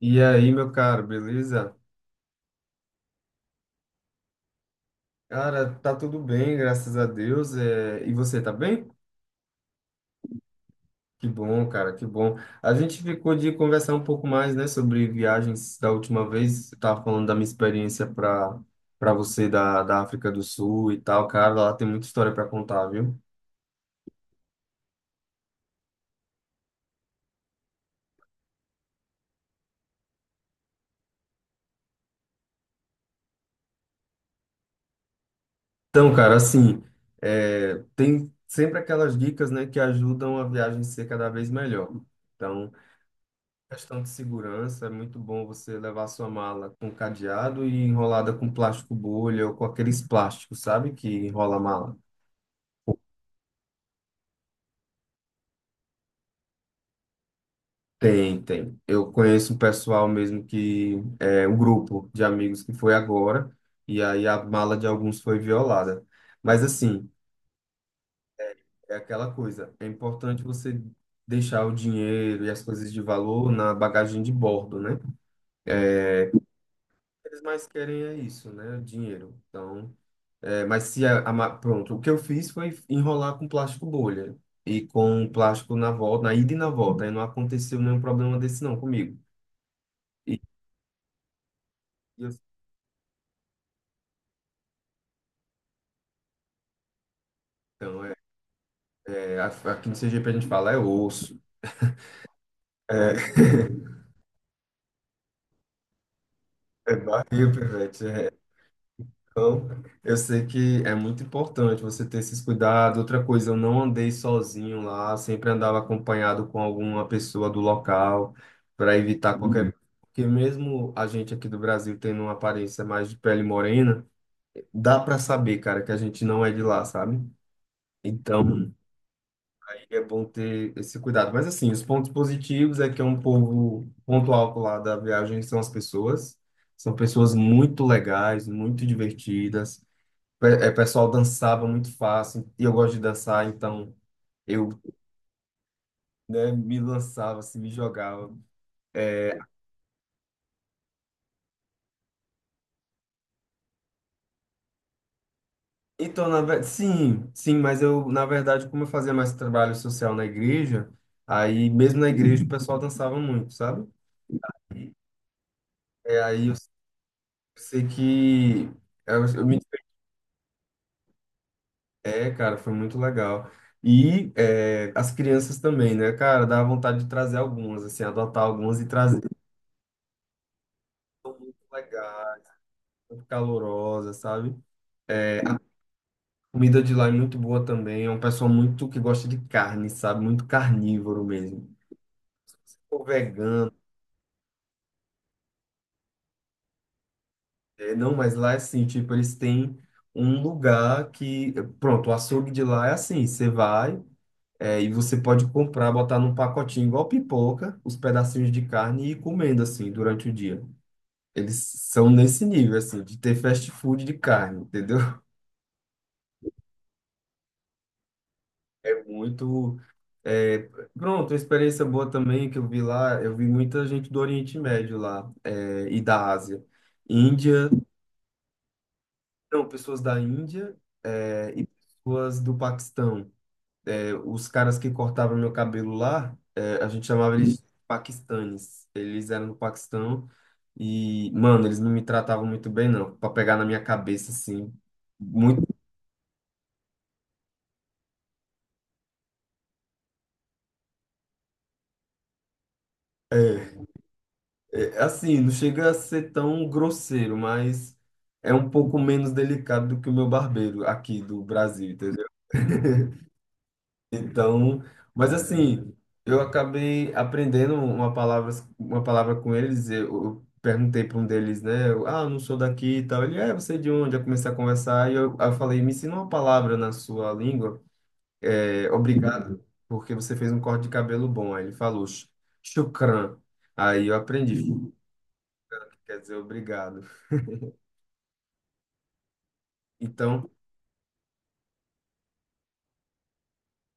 E aí, meu caro, beleza? Cara, tá tudo bem, graças a Deus. É, e você tá bem? Que bom, cara, que bom. A gente ficou de conversar um pouco mais, né, sobre viagens da última vez. Eu tava falando da minha experiência para você da África do Sul e tal, cara. Lá tem muita história para contar, viu? Então, cara, assim, tem sempre aquelas dicas, né, que ajudam a viagem ser cada vez melhor. Então, questão de segurança, é muito bom você levar sua mala com cadeado e enrolada com plástico bolha ou com aqueles plásticos, sabe, que enrola a mala. Tem, tem. Eu conheço um pessoal mesmo que é um grupo de amigos que foi agora e aí a mala de alguns foi violada. Mas assim, é aquela coisa, é importante você deixar o dinheiro e as coisas de valor na bagagem de bordo, né? É, o que eles mais querem é isso, né? Dinheiro. Então, mas se pronto, o que eu fiz foi enrolar com plástico bolha e com plástico na volta, na ida e na volta. Aí não aconteceu nenhum problema desse não comigo. E eu, então, aqui no CGP a gente fala é osso, é, é barril, pivete, então, eu sei que é muito importante você ter esses cuidados. Outra coisa, eu não andei sozinho lá, sempre andava acompanhado com alguma pessoa do local para evitar qualquer. Porque mesmo a gente aqui do Brasil tendo uma aparência mais de pele morena, dá para saber, cara, que a gente não é de lá, sabe? Então, uhum, aí é bom ter esse cuidado. Mas assim, os pontos positivos é que é um povo, ponto alto lá da viagem são as pessoas. São pessoas muito legais, muito divertidas. O pessoal dançava muito fácil, e eu gosto de dançar, então eu, né, me lançava, assim, me jogava. É, então, sim, sim, mas eu, na verdade, como eu fazia mais trabalho social na igreja, aí mesmo na igreja o pessoal dançava muito, sabe? É, aí eu sei que eu me, cara, foi muito legal. E, as crianças também, né, cara, dá vontade de trazer algumas, assim, adotar algumas e trazer. Legal, muito calorosa, sabe? Eh, comida de lá é muito boa também. É um pessoal muito que gosta de carne, sabe? Muito carnívoro mesmo. Ou vegano. Não, mas lá é assim, tipo, eles têm um lugar que... Pronto, o açougue de lá é assim. Você vai, e você pode comprar, botar num pacotinho igual pipoca, os pedacinhos de carne e ir comendo, assim, durante o dia. Eles são nesse nível, assim, de ter fast food de carne, entendeu? Muito. É, pronto, uma experiência boa também que eu vi lá, eu vi muita gente do Oriente Médio lá, e da Ásia. Índia, não, pessoas da Índia, e pessoas do Paquistão. É, os caras que cortavam meu cabelo lá, a gente chamava eles de paquistanes. Eles eram do Paquistão e, mano, eles não me tratavam muito bem, não, para pegar na minha cabeça, assim. Muito. é, É assim, não chega a ser tão grosseiro, mas é um pouco menos delicado do que o meu barbeiro aqui do Brasil, entendeu? Então, mas assim, eu acabei aprendendo uma palavra com eles. Eu perguntei para um deles, né? Eu não sou daqui e tal. Ele, você é de onde? Eu comecei a conversar e eu, aí eu falei, me ensina uma palavra na sua língua. É, obrigado, porque você fez um corte de cabelo bom. Aí ele falou, shukran." Aí eu aprendi. Quer dizer, obrigado. Então,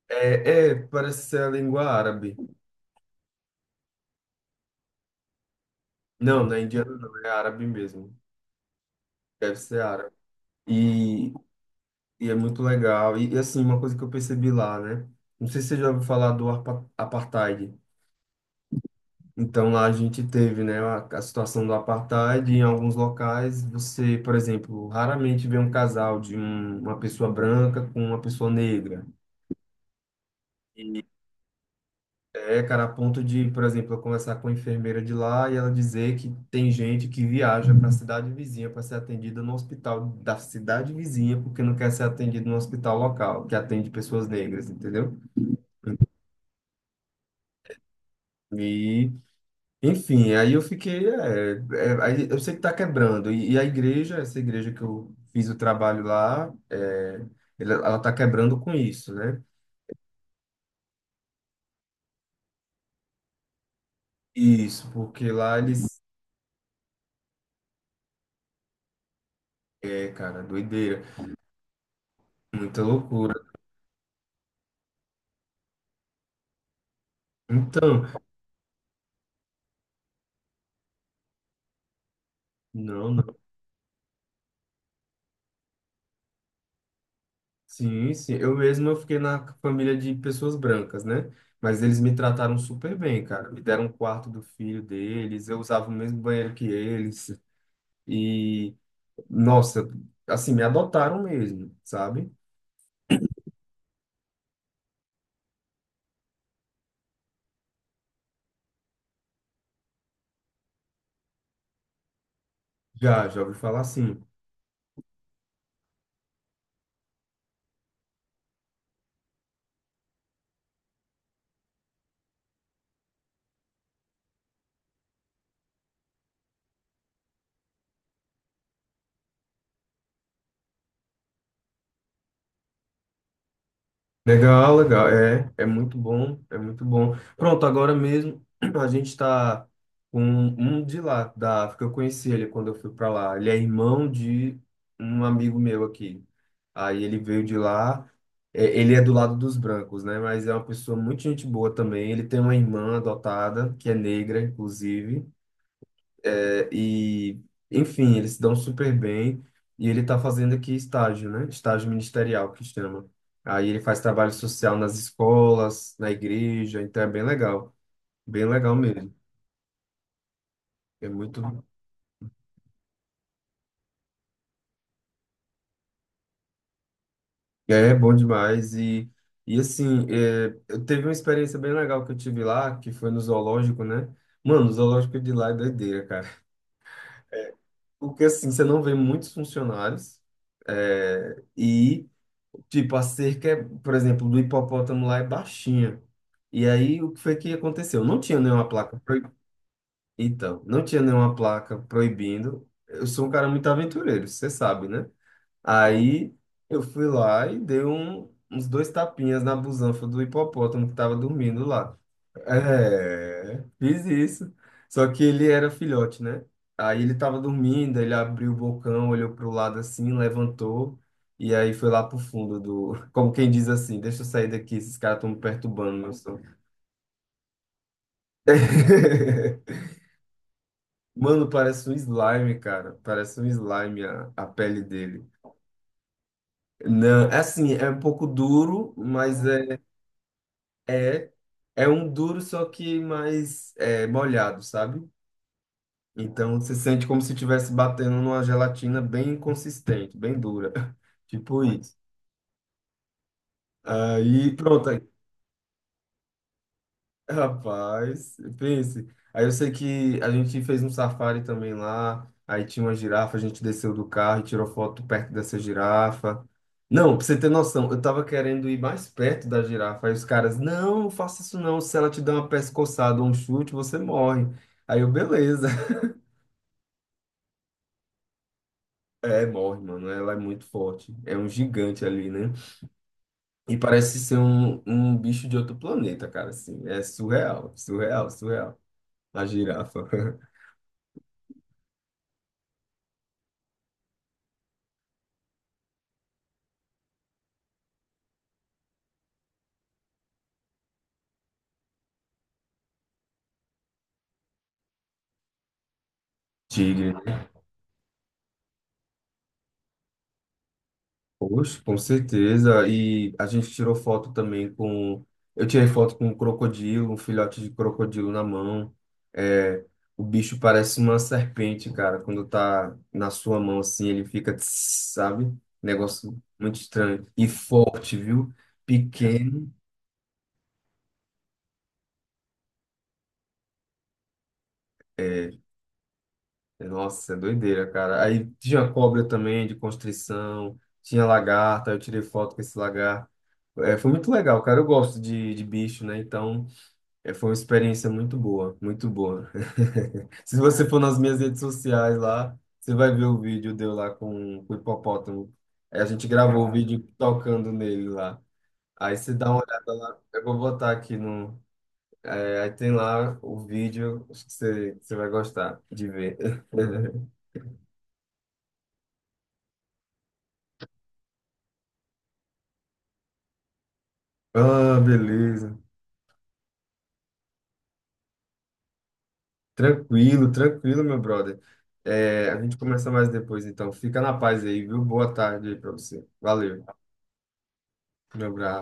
parece ser a língua árabe. Não, não é indiano, não, é árabe mesmo. Deve ser árabe. E, e é muito legal. E, assim, uma coisa que eu percebi lá, né? Não sei se você já ouviu falar do apartheid. Então, lá a gente teve, né, a situação do apartheid. Em alguns locais, você, por exemplo, raramente vê um casal de uma pessoa branca com uma pessoa negra. É, cara, a ponto de, por exemplo, eu conversar com a enfermeira de lá e ela dizer que tem gente que viaja para a cidade vizinha para ser atendida no hospital da cidade vizinha porque não quer ser atendido no hospital local, que atende pessoas negras, entendeu? E, enfim, aí eu fiquei, aí eu sei que tá quebrando. E a igreja, essa igreja que eu fiz o trabalho lá, ela tá quebrando com isso, né? Isso, porque lá eles, cara, doideira, muita loucura. Então, não, sim, sim. Eu mesmo eu fiquei na família de pessoas brancas, né? Mas eles me trataram super bem, cara. Me deram um quarto do filho deles, eu usava o mesmo banheiro que eles. E, nossa, assim, me adotaram mesmo, sabe? Já, já ouvi falar assim. Legal, legal. É, é muito bom, é muito bom. Pronto, agora mesmo a gente está com um de lá, da África. Eu conheci ele quando eu fui para lá. Ele é irmão de um amigo meu aqui. Aí ele veio de lá. É, ele é do lado dos brancos, né? Mas é uma pessoa muito gente boa também. Ele tem uma irmã adotada, que é negra, inclusive. É, e, Enfim, eles se dão super bem. E ele está fazendo aqui estágio, né? Estágio ministerial, que chama. Aí ele faz trabalho social nas escolas, na igreja, então é bem legal. Bem legal mesmo. É muito. É bom demais. E assim, eu teve uma experiência bem legal que eu tive lá, que foi no zoológico, né? Mano, o zoológico de lá é doideira, cara. Porque assim, você não vê muitos funcionários. É, e tipo, a cerca, por exemplo, do hipopótamo lá é baixinha. E aí, o que foi que aconteceu? Não tinha nenhuma placa. Então, não tinha nenhuma placa proibindo. Eu sou um cara muito aventureiro, você sabe, né? Aí eu fui lá e dei uns dois tapinhas na busanfa do hipopótamo que tava dormindo lá. É, fiz isso. Só que ele era filhote, né? Aí ele tava dormindo, ele abriu o bocão, olhou pro lado assim, levantou e aí foi lá pro fundo do, como quem diz assim, deixa eu sair daqui, esses caras estão me perturbando, meu sono. Mano, parece um slime, cara. Parece um slime a pele dele. Não, é assim, é um pouco duro, mas é É, um duro, só que mais é, molhado, sabe? Então você sente como se estivesse batendo numa gelatina bem consistente, bem dura. Tipo isso. Aí pronto. Rapaz, pense. Aí eu sei que a gente fez um safari também lá. Aí tinha uma girafa, a gente desceu do carro e tirou foto perto dessa girafa. Não, pra você ter noção, eu tava querendo ir mais perto da girafa. Aí os caras, não, não faça isso não. Se ela te der uma pescoçada ou um chute, você morre. Aí eu, beleza. É, morre, mano. Ela é muito forte. É um gigante ali, né? E parece ser um bicho de outro planeta, cara. Assim, é surreal, surreal, surreal. A girafa. Tigre. Poxa, com certeza. E a gente tirou foto também com. Eu tirei foto com um crocodilo, um filhote de crocodilo na mão. É, o bicho parece uma serpente, cara. Quando tá na sua mão assim, ele fica, tss, sabe? Negócio muito estranho. E forte, viu? Pequeno. É, nossa, é doideira, cara. Aí tinha cobra também, de constrição. Tinha lagarta. Eu tirei foto com esse lagarto. É, foi muito legal, cara. Eu gosto de bicho, né? Então. É, foi uma experiência muito boa, muito boa. Se você for nas minhas redes sociais lá, você vai ver o vídeo de eu lá com, o hipopótamo. Aí a gente gravou o vídeo tocando nele lá. Aí você dá uma olhada lá, eu vou botar aqui no. Aí tem lá o vídeo, acho que você vai gostar de ver. Ah, beleza. Tranquilo, tranquilo, meu brother. É, a gente começa mais depois, então. Fica na paz aí, viu? Boa tarde aí pra você. Valeu, meu abraço.